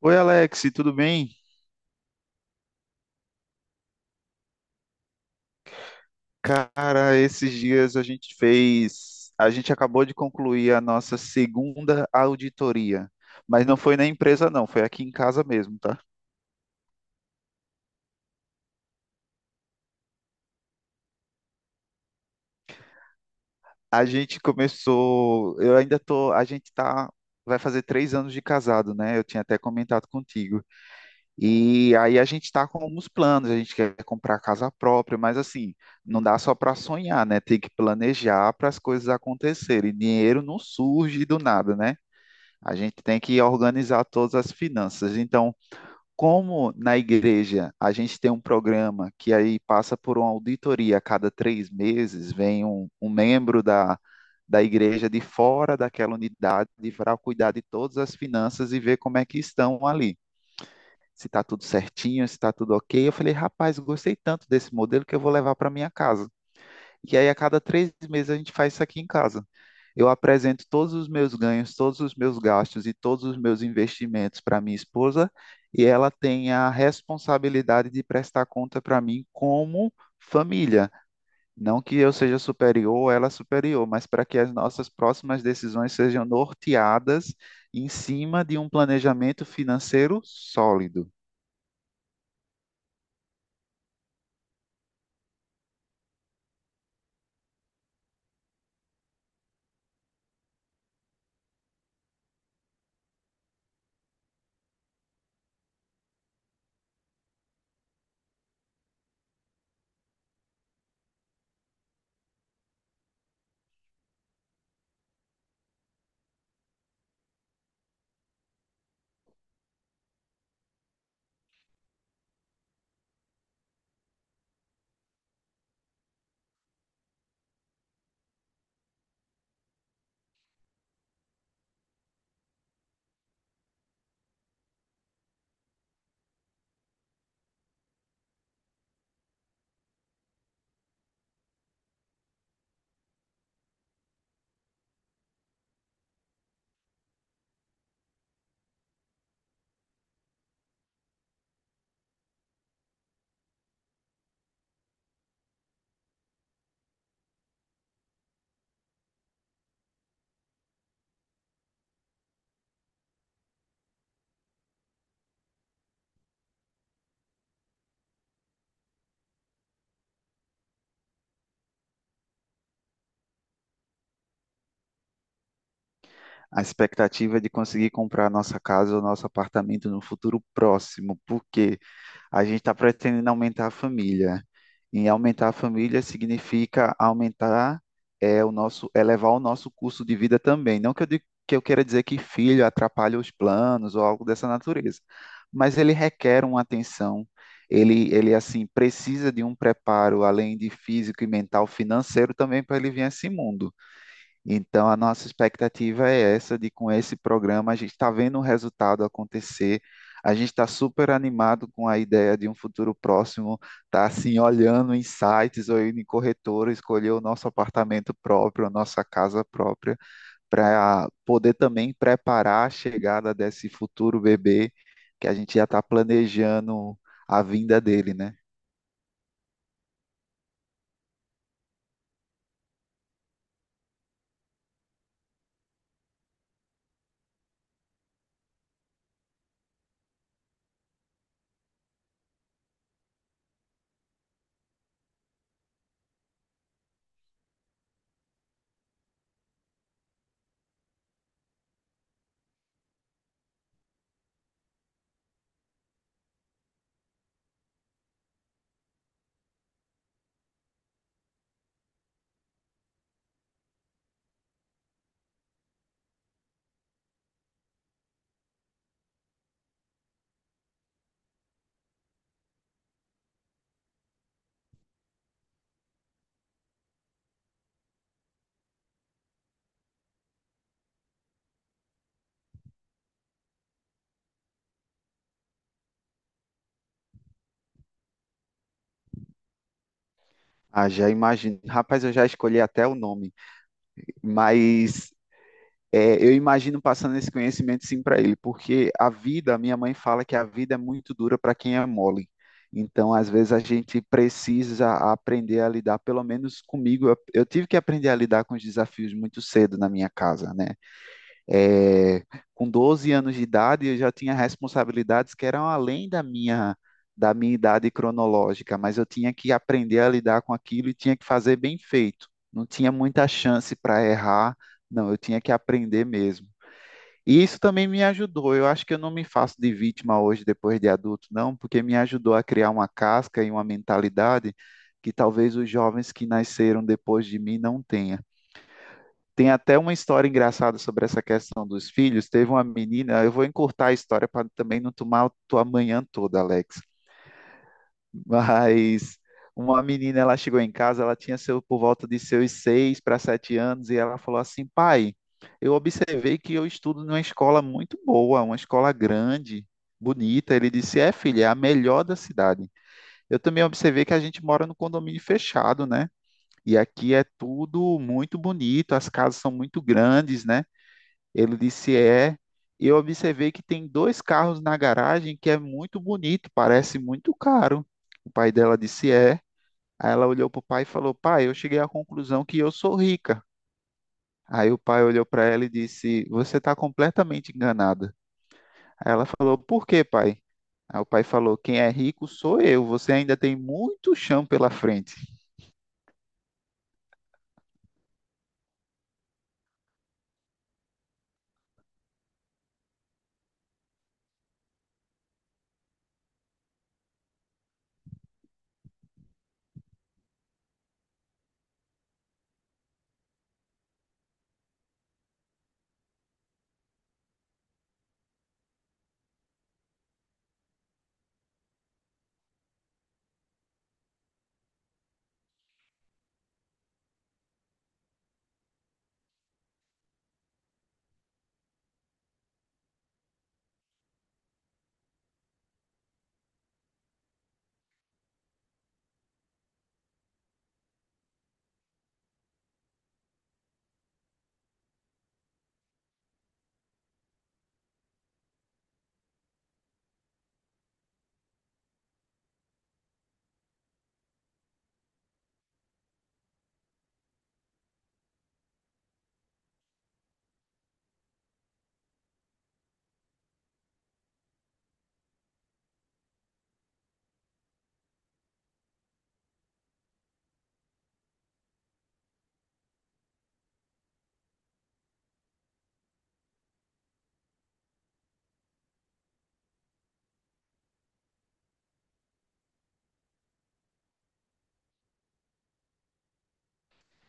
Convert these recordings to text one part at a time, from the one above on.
Oi, Alex, tudo bem? Cara, esses dias a gente acabou de concluir a nossa segunda auditoria, mas não foi na empresa não, foi aqui em casa mesmo, tá? A gente começou, eu ainda tô, a gente tá, vai fazer 3 anos de casado, né? Eu tinha até comentado contigo. E aí a gente tá com alguns planos, a gente quer comprar casa própria, mas assim, não dá só para sonhar, né? Tem que planejar para as coisas acontecerem. Dinheiro não surge do nada, né? A gente tem que organizar todas as finanças. Então, como na igreja a gente tem um programa que aí passa por uma auditoria a cada 3 meses, vem um membro da igreja de fora daquela unidade para cuidar de todas as finanças e ver como é que estão ali. Se está tudo certinho, se está tudo ok. Eu falei, rapaz, gostei tanto desse modelo que eu vou levar para minha casa. E aí, a cada 3 meses, a gente faz isso aqui em casa. Eu apresento todos os meus ganhos, todos os meus gastos e todos os meus investimentos para minha esposa, e ela tem a responsabilidade de prestar conta para mim como família. Não que eu seja superior ou ela superior, mas para que as nossas próximas decisões sejam norteadas em cima de um planejamento financeiro sólido. A expectativa é de conseguir comprar nossa casa ou nosso apartamento no futuro próximo, porque a gente está pretendendo aumentar a família. E aumentar a família significa aumentar elevar o nosso custo de vida também. Não que eu queira dizer que filho atrapalha os planos ou algo dessa natureza, mas ele requer uma atenção. Ele assim precisa de um preparo além de físico e mental, financeiro também para ele vir a esse mundo. Então, a nossa expectativa é essa, de com esse programa a gente está vendo o resultado acontecer, a gente está super animado com a ideia de um futuro próximo, tá assim, olhando em sites ou indo em corretora, escolher o nosso apartamento próprio, a nossa casa própria, para poder também preparar a chegada desse futuro bebê, que a gente já está planejando a vinda dele, né? Ah, já imagino. Rapaz, eu já escolhi até o nome, mas eu imagino passando esse conhecimento sim para ele, porque a vida, a minha mãe fala que a vida é muito dura para quem é mole. Então, às vezes a gente precisa aprender a lidar, pelo menos comigo, eu tive que aprender a lidar com os desafios muito cedo na minha casa, né? É, com 12 anos de idade, eu já tinha responsabilidades que eram além da minha idade cronológica, mas eu tinha que aprender a lidar com aquilo e tinha que fazer bem feito. Não tinha muita chance para errar, não, eu tinha que aprender mesmo. E isso também me ajudou. Eu acho que eu não me faço de vítima hoje, depois de adulto, não, porque me ajudou a criar uma casca e uma mentalidade que talvez os jovens que nasceram depois de mim não tenham. Tem até uma história engraçada sobre essa questão dos filhos. Teve uma menina, eu vou encurtar a história para também não tomar a tua manhã toda, Alex. Mas uma menina, ela chegou em casa, ela tinha por volta de seus 6 para 7 anos, e ela falou assim: pai, eu observei que eu estudo numa escola muito boa, uma escola grande, bonita. Ele disse: é, filha, é a melhor da cidade. Eu também observei que a gente mora no condomínio fechado, né? E aqui é tudo muito bonito, as casas são muito grandes, né? Ele disse é. E eu observei que tem dois carros na garagem que é muito bonito, parece muito caro. O pai dela disse é. Aí ela olhou para o pai e falou: Pai, eu cheguei à conclusão que eu sou rica. Aí o pai olhou para ela e disse: Você está completamente enganada. Aí ela falou: Por quê, pai? Aí o pai falou: Quem é rico sou eu. Você ainda tem muito chão pela frente.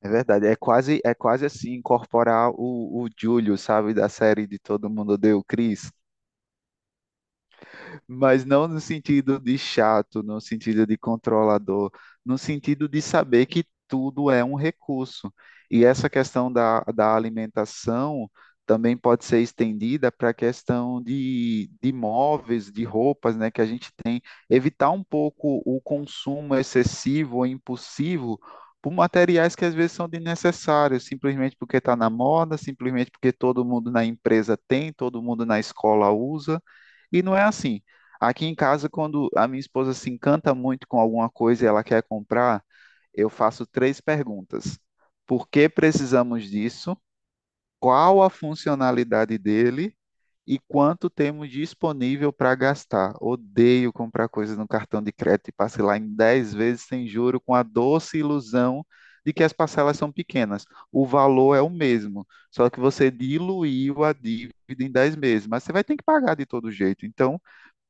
É verdade, é quase assim incorporar o Júlio, sabe, da série de Todo Mundo Odeia o Chris. Mas não no sentido de chato, no sentido de controlador, no sentido de saber que tudo é um recurso. E essa questão da alimentação também pode ser estendida para a questão de móveis, de roupas, né, que a gente tem. Evitar um pouco o consumo excessivo ou impulsivo por materiais que às vezes são desnecessários, simplesmente porque está na moda, simplesmente porque todo mundo na empresa tem, todo mundo na escola usa. E não é assim. Aqui em casa, quando a minha esposa se encanta muito com alguma coisa e ela quer comprar, eu faço três perguntas. Por que precisamos disso? Qual a funcionalidade dele? E quanto temos disponível para gastar? Odeio comprar coisas no cartão de crédito e parcelar em 10 vezes sem juro, com a doce ilusão de que as parcelas são pequenas. O valor é o mesmo, só que você diluiu a dívida em 10 meses, mas você vai ter que pagar de todo jeito. Então,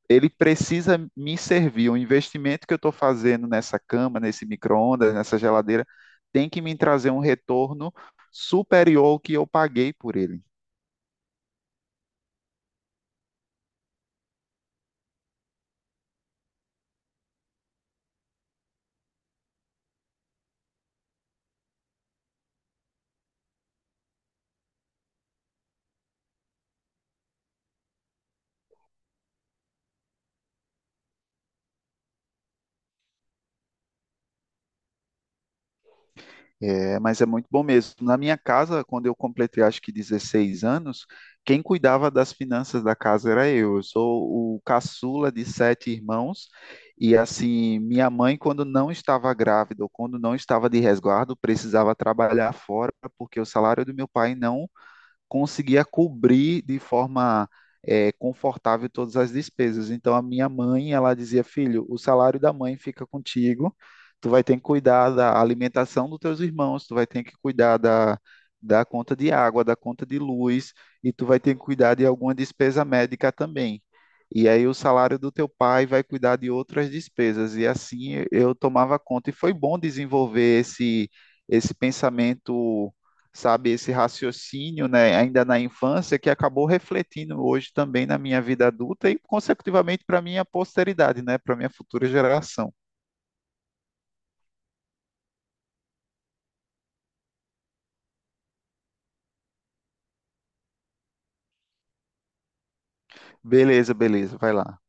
ele precisa me servir. O investimento que eu estou fazendo nessa cama, nesse micro-ondas, nessa geladeira, tem que me trazer um retorno superior ao que eu paguei por ele. É, mas é muito bom mesmo. Na minha casa, quando eu completei acho que 16 anos, quem cuidava das finanças da casa era eu. Eu sou o caçula de sete irmãos. E assim, minha mãe, quando não estava grávida ou quando não estava de resguardo, precisava trabalhar fora, porque o salário do meu pai não conseguia cobrir de forma confortável todas as despesas. Então a minha mãe, ela dizia, filho, o salário da mãe fica contigo, tu vai ter que cuidar da alimentação dos teus irmãos, tu vai ter que cuidar da conta de água, da conta de luz, e tu vai ter que cuidar de alguma despesa médica também. E aí o salário do teu pai vai cuidar de outras despesas. E assim eu tomava conta. E foi bom desenvolver esse pensamento, sabe, esse raciocínio, né, ainda na infância, que acabou refletindo hoje também na minha vida adulta e, consecutivamente, para minha posteridade, né, para minha futura geração. Beleza, beleza, vai lá.